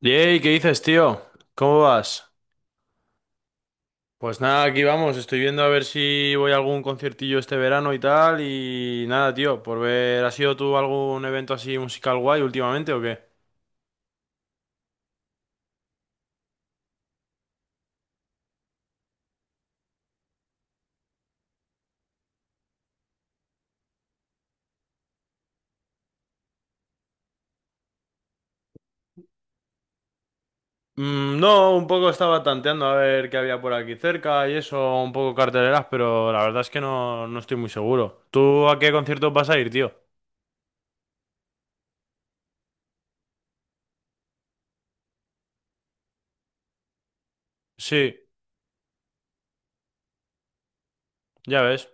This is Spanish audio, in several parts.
Yey, ¿qué dices, tío? ¿Cómo vas? Pues nada, aquí vamos. Estoy viendo a ver si voy a algún conciertillo este verano y tal. Y nada, tío, por ver, ¿has ido tú a algún evento así musical guay últimamente o qué? No, un poco estaba tanteando a ver qué había por aquí cerca y eso, un poco carteleras, pero la verdad es que no, no estoy muy seguro. ¿Tú a qué conciertos vas a ir, tío? Sí, ya ves.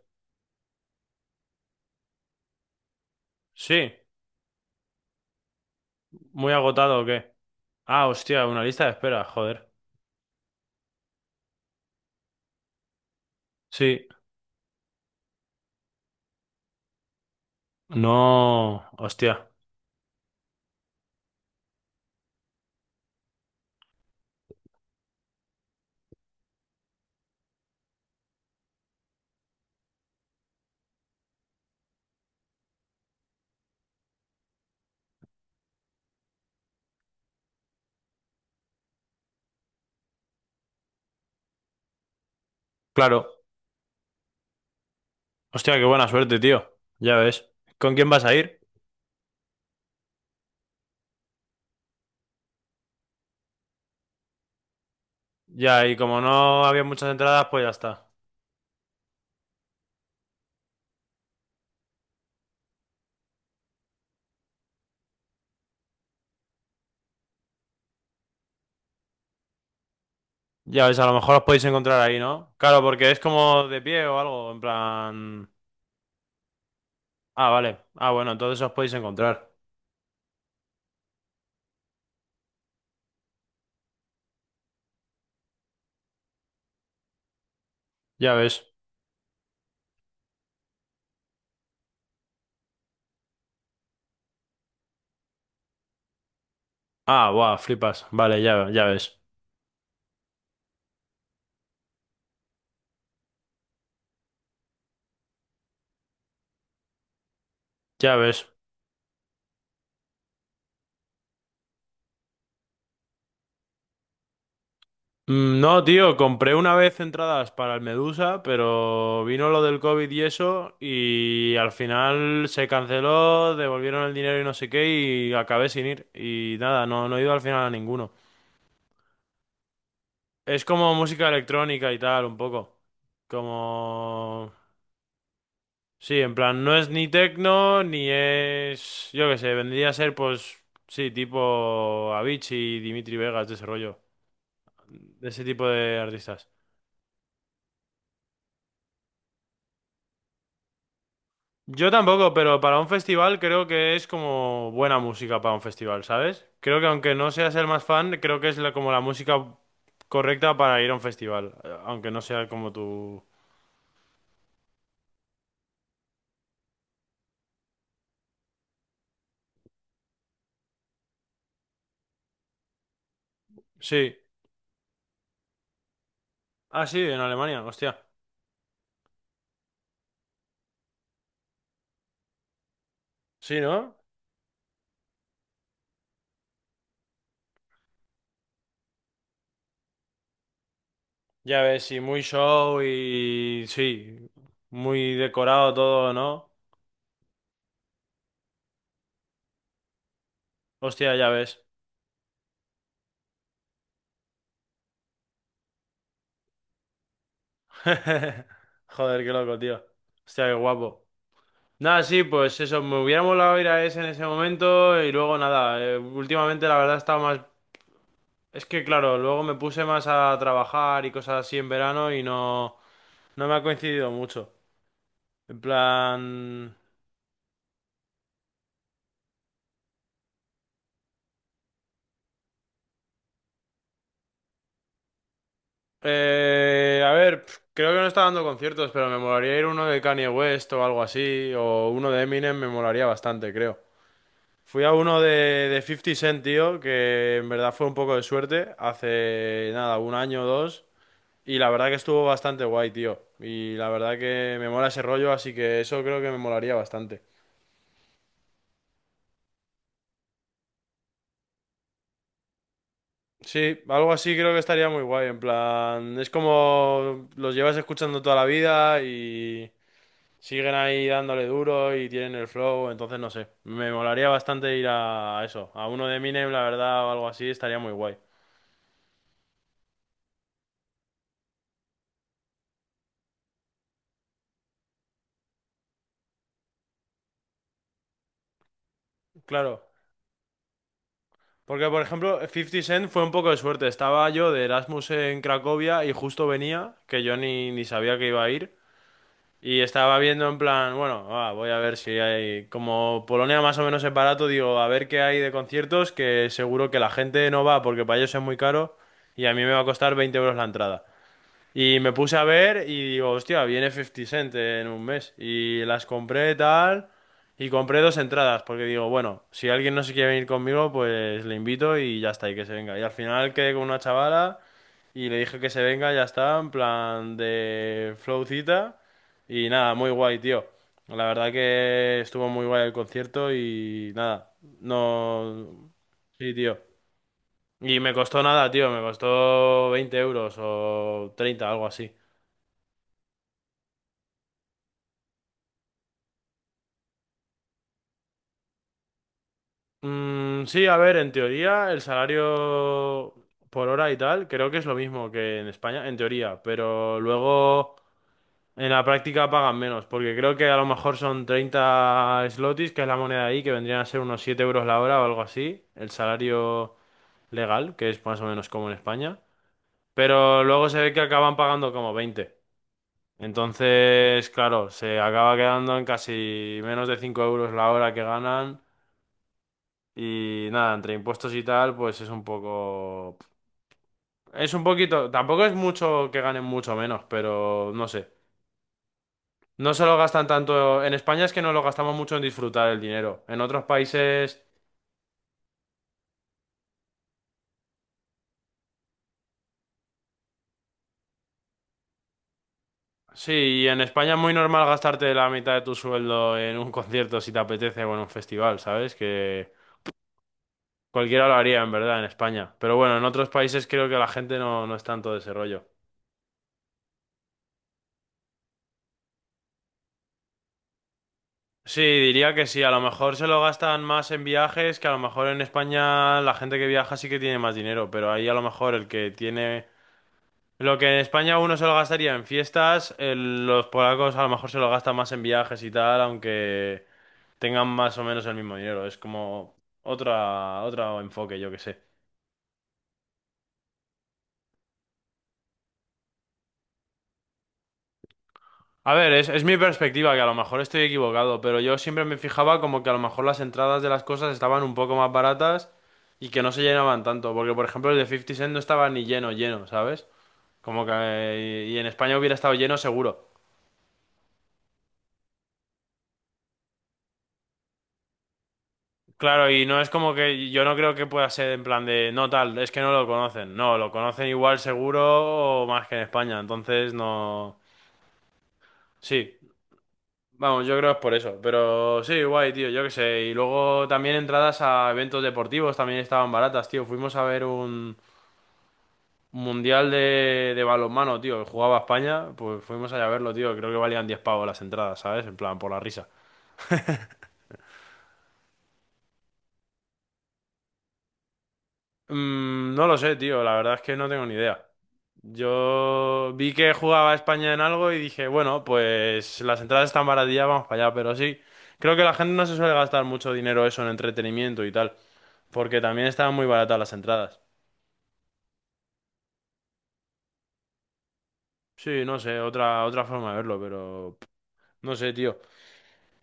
Sí, muy agotado o qué. Ah, hostia, una lista de espera, joder. Sí, no, hostia. Claro. Hostia, qué buena suerte, tío. Ya ves. ¿Con quién vas a ir? Ya, y como no había muchas entradas, pues ya está. Ya ves, a lo mejor os podéis encontrar ahí, ¿no? Claro, porque es como de pie o algo, en plan... Ah, vale. Ah, bueno, entonces os podéis encontrar. Ya ves. Ah, guau, flipas. Vale, ya, ya ves. Ya ves. No, tío, compré una vez entradas para el Medusa, pero vino lo del COVID y eso, y al final se canceló, devolvieron el dinero y no sé qué, y acabé sin ir. Y nada, no, no he ido al final a ninguno. Es como música electrónica y tal, un poco. Como... Sí, en plan, no es ni techno, ni es... Yo qué sé, vendría a ser pues... Sí, tipo Avicii, Dimitri Vegas, de ese rollo. De ese tipo de artistas. Yo tampoco, pero para un festival creo que es como buena música para un festival, ¿sabes? Creo que aunque no seas el más fan, creo que es como la música correcta para ir a un festival, aunque no sea como tu... Sí. Ah, sí, en Alemania, hostia. Sí, ¿no? Ya ves, sí, muy show y... Sí, muy decorado todo, ¿no? Hostia, ya ves. Joder, qué loco, tío. Hostia, qué guapo. Nada, sí, pues eso, me hubiera molado ir a ese en ese momento y luego nada, últimamente la verdad estaba más... Es que claro, luego me puse más a trabajar y cosas así en verano y no, no me ha coincidido mucho. En plan... A ver, pf, creo que no está dando conciertos, pero me molaría ir a uno de Kanye West o algo así, o uno de Eminem me molaría bastante, creo. Fui a uno de 50 Cent, tío, que en verdad fue un poco de suerte, hace nada, un año o dos. Y la verdad que estuvo bastante guay, tío. Y la verdad que me mola ese rollo, así que eso creo que me molaría bastante. Sí, algo así creo que estaría muy guay. En plan, es como los llevas escuchando toda la vida y siguen ahí dándole duro y tienen el flow, entonces no sé. Me molaría bastante ir a eso, a uno de Eminem, la verdad, o algo así, estaría muy guay. Claro, porque por ejemplo, 50 Cent fue un poco de suerte. Estaba yo de Erasmus en Cracovia y justo venía, que yo ni sabía que iba a ir. Y estaba viendo en plan, bueno, ah, voy a ver si hay, como Polonia más o menos es barato, digo, a ver qué hay de conciertos, que seguro que la gente no va porque para ellos es muy caro y a mí me va a costar 20 euros la entrada. Y me puse a ver y digo, hostia, viene 50 Cent en un mes. Y las compré tal. Y compré dos entradas, porque digo, bueno, si alguien no se quiere venir conmigo, pues le invito y ya está, y que se venga. Y al final quedé con una chavala y le dije que se venga, ya está, en plan de flowcita. Y nada, muy guay, tío. La verdad que estuvo muy guay el concierto y nada, no... Sí, tío. Y me costó nada, tío, me costó 20 euros o 30 algo así. Sí, a ver, en teoría el salario por hora y tal creo que es lo mismo que en España, en teoría, pero luego en la práctica pagan menos, porque creo que a lo mejor son 30 slotis, que es la moneda ahí, que vendrían a ser unos 7 euros la hora o algo así, el salario legal, que es más o menos como en España, pero luego se ve que acaban pagando como 20. Entonces, claro, se acaba quedando en casi menos de 5 euros la hora que ganan. Y nada, entre impuestos y tal, pues es un poco... Es un poquito... Tampoco es mucho que ganen mucho menos, pero no sé. No se lo gastan tanto... En España es que no lo gastamos mucho en disfrutar el dinero. En otros países... Sí, y en España es muy normal gastarte la mitad de tu sueldo en un concierto si te apetece o en un festival, ¿sabes? Que cualquiera lo haría en verdad en España. Pero bueno, en otros países creo que la gente no es tanto de ese rollo. Sí, diría que sí. A lo mejor se lo gastan más en viajes, que a lo mejor en España la gente que viaja sí que tiene más dinero, pero ahí a lo mejor el que tiene... Lo que en España uno se lo gastaría en fiestas, los polacos a lo mejor se lo gastan más en viajes y tal, aunque tengan más o menos el mismo dinero. Es como otro enfoque, yo que sé. A ver, es mi perspectiva, que a lo mejor estoy equivocado, pero yo siempre me fijaba como que a lo mejor las entradas de las cosas estaban un poco más baratas y que no se llenaban tanto, porque por ejemplo el de 50 Cent no estaba ni lleno, lleno, ¿sabes? Como que... Y en España hubiera estado lleno seguro. Claro, y no es como que yo no creo que pueda ser en plan de, no tal, es que no lo conocen, no, lo conocen igual seguro o más que en España, entonces no... Sí, vamos, yo creo que es por eso. Pero sí, guay, tío, yo qué sé. Y luego también entradas a eventos deportivos también estaban baratas, tío. Fuimos a ver un mundial de balonmano, tío, que jugaba España. Pues fuimos allá a verlo, tío. Creo que valían 10 pavos las entradas, ¿sabes? En plan, por la risa. No lo sé, tío. La verdad es que no tengo ni idea. Yo vi que jugaba España en algo y dije, bueno, pues las entradas están baratillas, vamos para allá. Pero sí, creo que la gente no se suele gastar mucho dinero eso en entretenimiento y tal. Porque también estaban muy baratas las entradas. Sí, no sé, otra forma de verlo, pero pff, no sé, tío.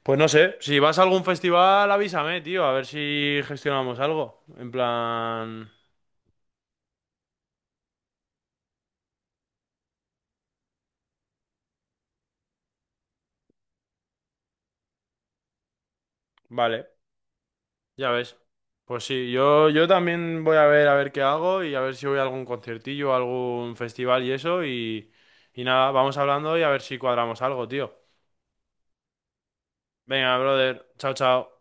Pues no sé, si vas a algún festival, avísame, tío, a ver si gestionamos algo. En plan, vale, ya ves. Pues sí, yo también voy a ver qué hago y a ver si voy a algún conciertillo, algún festival y eso y nada, vamos hablando y a ver si cuadramos algo, tío. Venga, brother, chao, chao.